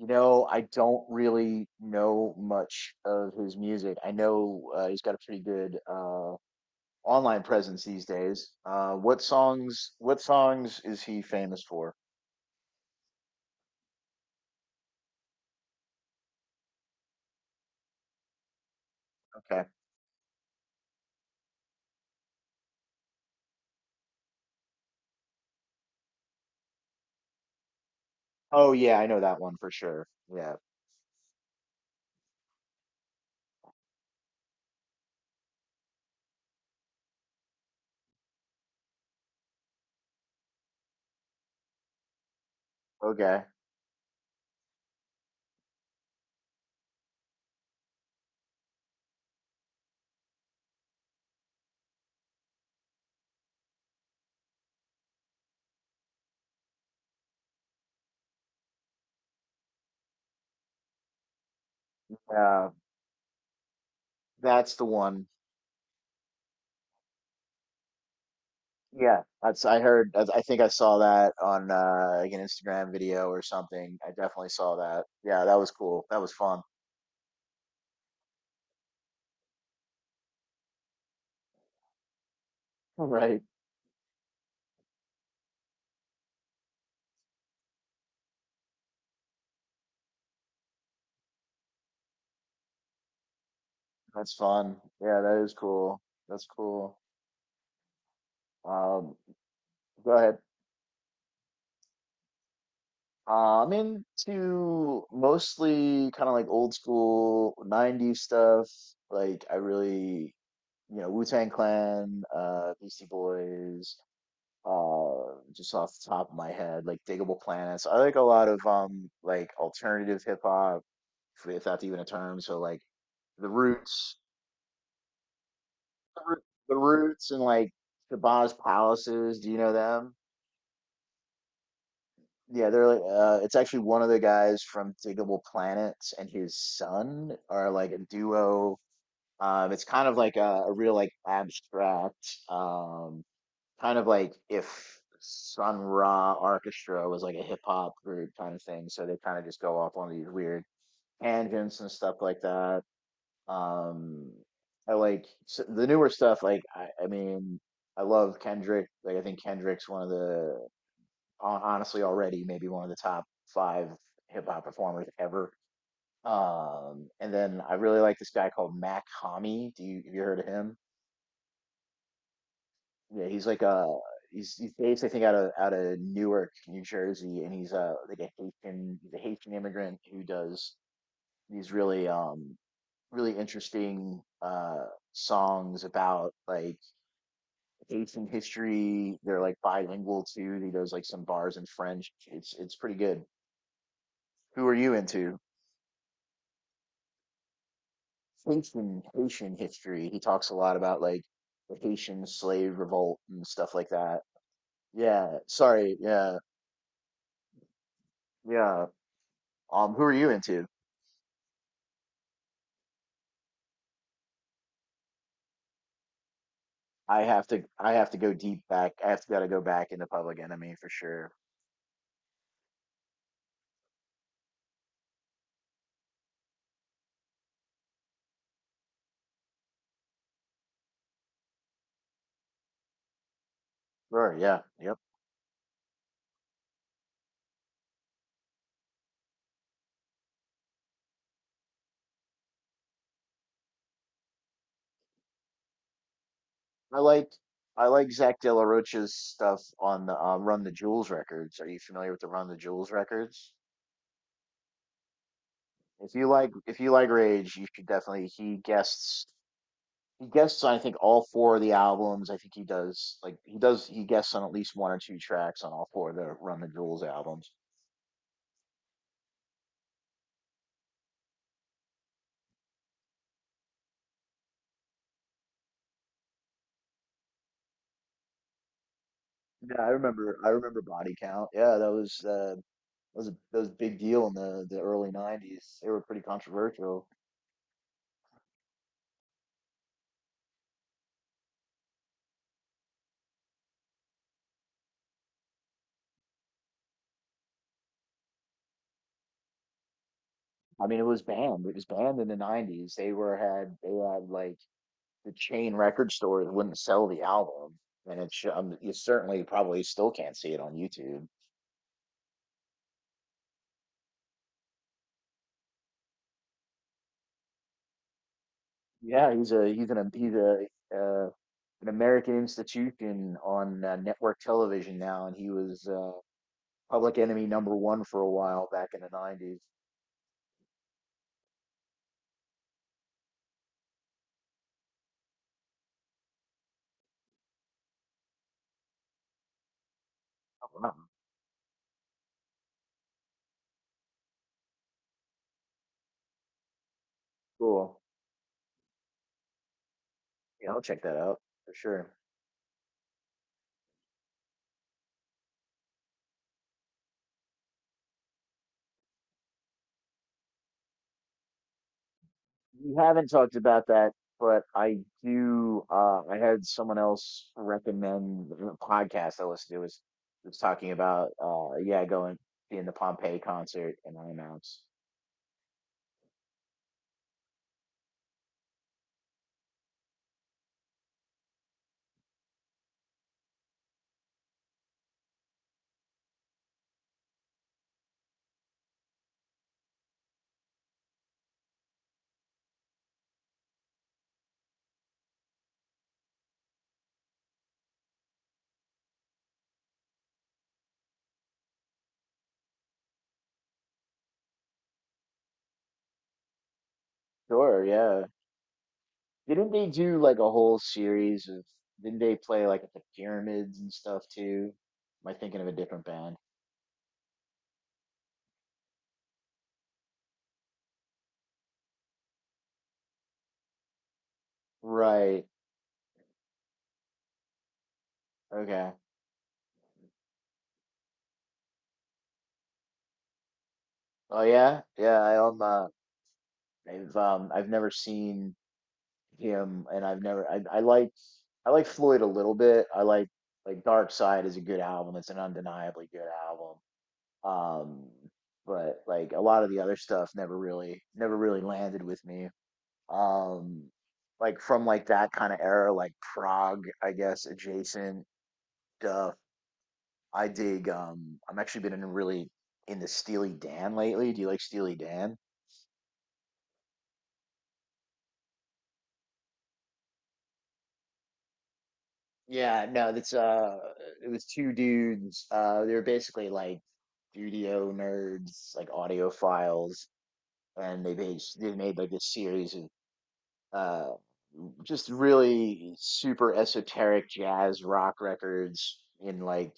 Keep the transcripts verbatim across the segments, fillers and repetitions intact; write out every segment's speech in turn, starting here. You know, I don't really know much of his music. I know uh, he's got a pretty good uh, online presence these days. Uh, what songs? What songs is he famous for? Okay. Oh yeah, I know that one for sure. Yeah. Okay. Uh, that's the one. Yeah, that's I heard. I I think I saw that on uh, like an Instagram video or something. I definitely saw that. Yeah, that was cool. That was fun. Right. That's fun. Yeah, that is cool. That's cool. Um, Go ahead. Uh, I'm into mostly kind of like old school nineties stuff. Like I really, you know, Wu-Tang Clan, uh, Beastie Boys, uh, just off the top of my head, like Digable Planets. I like a lot of um like alternative hip hop, if if that's even a term. So like the Roots, the Roo- the Roots, and like Shabazz Palaces. Do you know them? Yeah, they're like uh it's actually one of the guys from Diggable Planets, and his son are like a duo. Um it's kind of like a, a real like abstract um kind of like if Sun Ra Orchestra was like a hip hop group kind of thing. So they kind of just go off on these weird tangents and stuff like that. Um I like s the newer stuff like I, I mean I love Kendrick. Like I think Kendrick's one of the hon- honestly already maybe one of the top five hip hop performers ever. Um, and then I really like this guy called Mac Hami. Do you have you heard of him? Yeah, he's like a he's he's based I think out of out of Newark, New Jersey, and he's uh like a Haitian he's a Haitian immigrant who does these really um really interesting uh songs about like Haitian history. They're like bilingual too. He does like some bars in French. It's it's pretty good. Who are you into? Haitian Haitian history. He talks a lot about like the Haitian slave revolt and stuff like that. Yeah, sorry. Yeah, yeah. Um, who are you into? I have to. I have to go deep back. I have to gotta go back into Public Enemy for sure. Sure. Yeah. Yep. I like. I like Zach De La Rocha's stuff on the um, Run the Jewels records. Are you familiar with the Run the Jewels records? If you like, if you like Rage, you should definitely. He guests he guests on I think all four of the albums. I think he does like he does he guests on at least one or two tracks on all four of the Run the Jewels albums. Yeah, I remember I remember Body Count. Yeah, that was uh that was a that was a big deal in the the early nineties. They were pretty controversial. I mean it was banned. It was banned in the nineties. They were had they had like the chain record stores wouldn't sell the album. And it's um, you certainly probably still can't see it on YouTube. Yeah, he's a he's an he's a uh, an American institution on uh, network television now, and he was uh, Public Enemy number one for a while back in the nineties. Oh, wow. Cool. Yeah, I'll check that out for sure. We haven't talked about that, but I do. Uh, I had someone else recommend the podcast I listened to was was talking about uh, yeah going being the Pompeii concert in IMAX. Sure, yeah. Didn't they do like a whole series of, didn't they play like at the pyramids and stuff too? Am I thinking of a different band? Right. Okay. Oh yeah. Yeah, I um uh, I've um I've never seen him, and I've never I I like I like Floyd a little bit. I like like Dark Side is a good album. It's an undeniably good album. Um, but like a lot of the other stuff never really never really landed with me. um like from like that kind of era, like Prague I guess adjacent stuff I dig. um I'm actually been in really into Steely Dan lately. Do you like Steely Dan? Yeah, no that's uh it was two dudes. Uh they were basically like studio nerds, like audiophiles, and they based they made like this series of uh just really super esoteric jazz rock records in like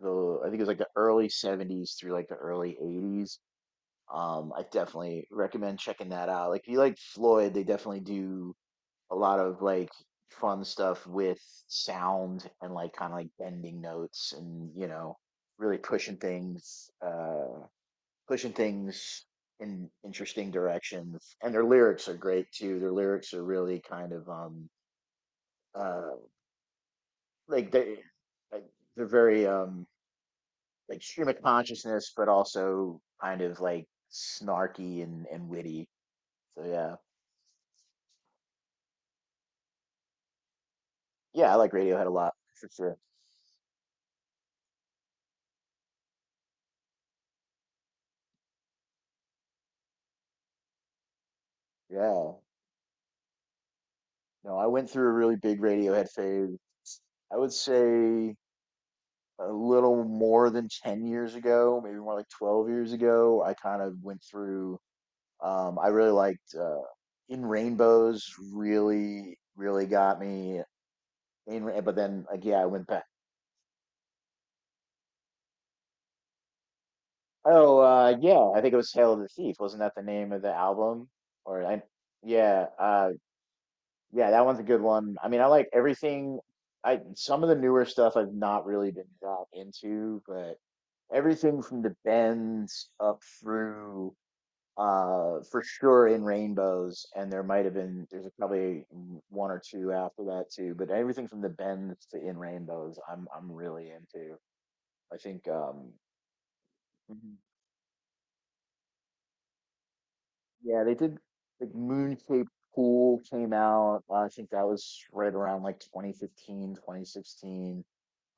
the, I think it was like the early seventies through like the early eighties. Um, I definitely recommend checking that out. Like if you like Floyd, they definitely do a lot of like fun stuff with sound, and like kind of like bending notes, and you know, really pushing things, uh pushing things in interesting directions. And their lyrics are great too. Their lyrics are really kind of um uh like they like they're very um like stream of consciousness, but also kind of like snarky and and witty, so yeah. Yeah, I like Radiohead a lot, for sure. Yeah, no I went through a really big Radiohead phase. I would say a little more than ten years ago, maybe more like twelve years ago. I kind of went through, um I really liked, uh In Rainbows really really got me in, Ra- but then like yeah I went back. Oh, uh, yeah, I think it was Hail to the Thief. Wasn't that the name of the album? Or I, yeah, uh, yeah, that one's a good one. I mean, I like everything. I some of the newer stuff I've not really been that into, but everything from the Bends up through, uh, for sure In Rainbows, and there might have been there's probably one or two after that too, but everything from the Bends to In Rainbows, I'm I'm really into. I think um, yeah, they did like Moon Cape Pool came out. uh, I think that was right around like twenty fifteen, twenty sixteen.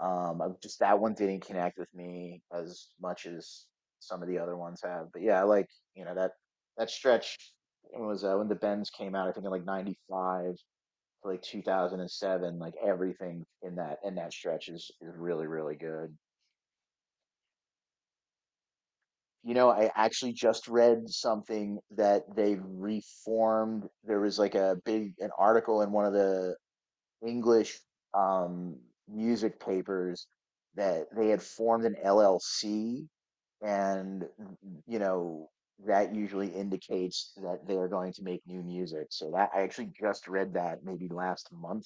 Um, I just that one didn't connect with me as much as some of the other ones have. But yeah, I like, you know, that that stretch when was, uh, when the Bends came out, I think in like ninety-five to like two thousand seven, like everything in that in that stretch is is really, really good. You know, I actually just read something that they reformed. There was like a big an article in one of the English um, music papers that they had formed an L L C, and you know that usually indicates that they are going to make new music. So that I actually just read that maybe last month.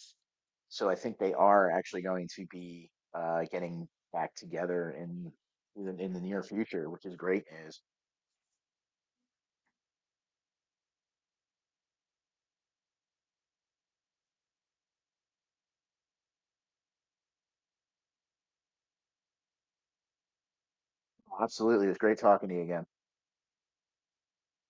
So I think they are actually going to be, uh, getting back together in in the in the near future, which is great news. Absolutely. It's great talking to you again.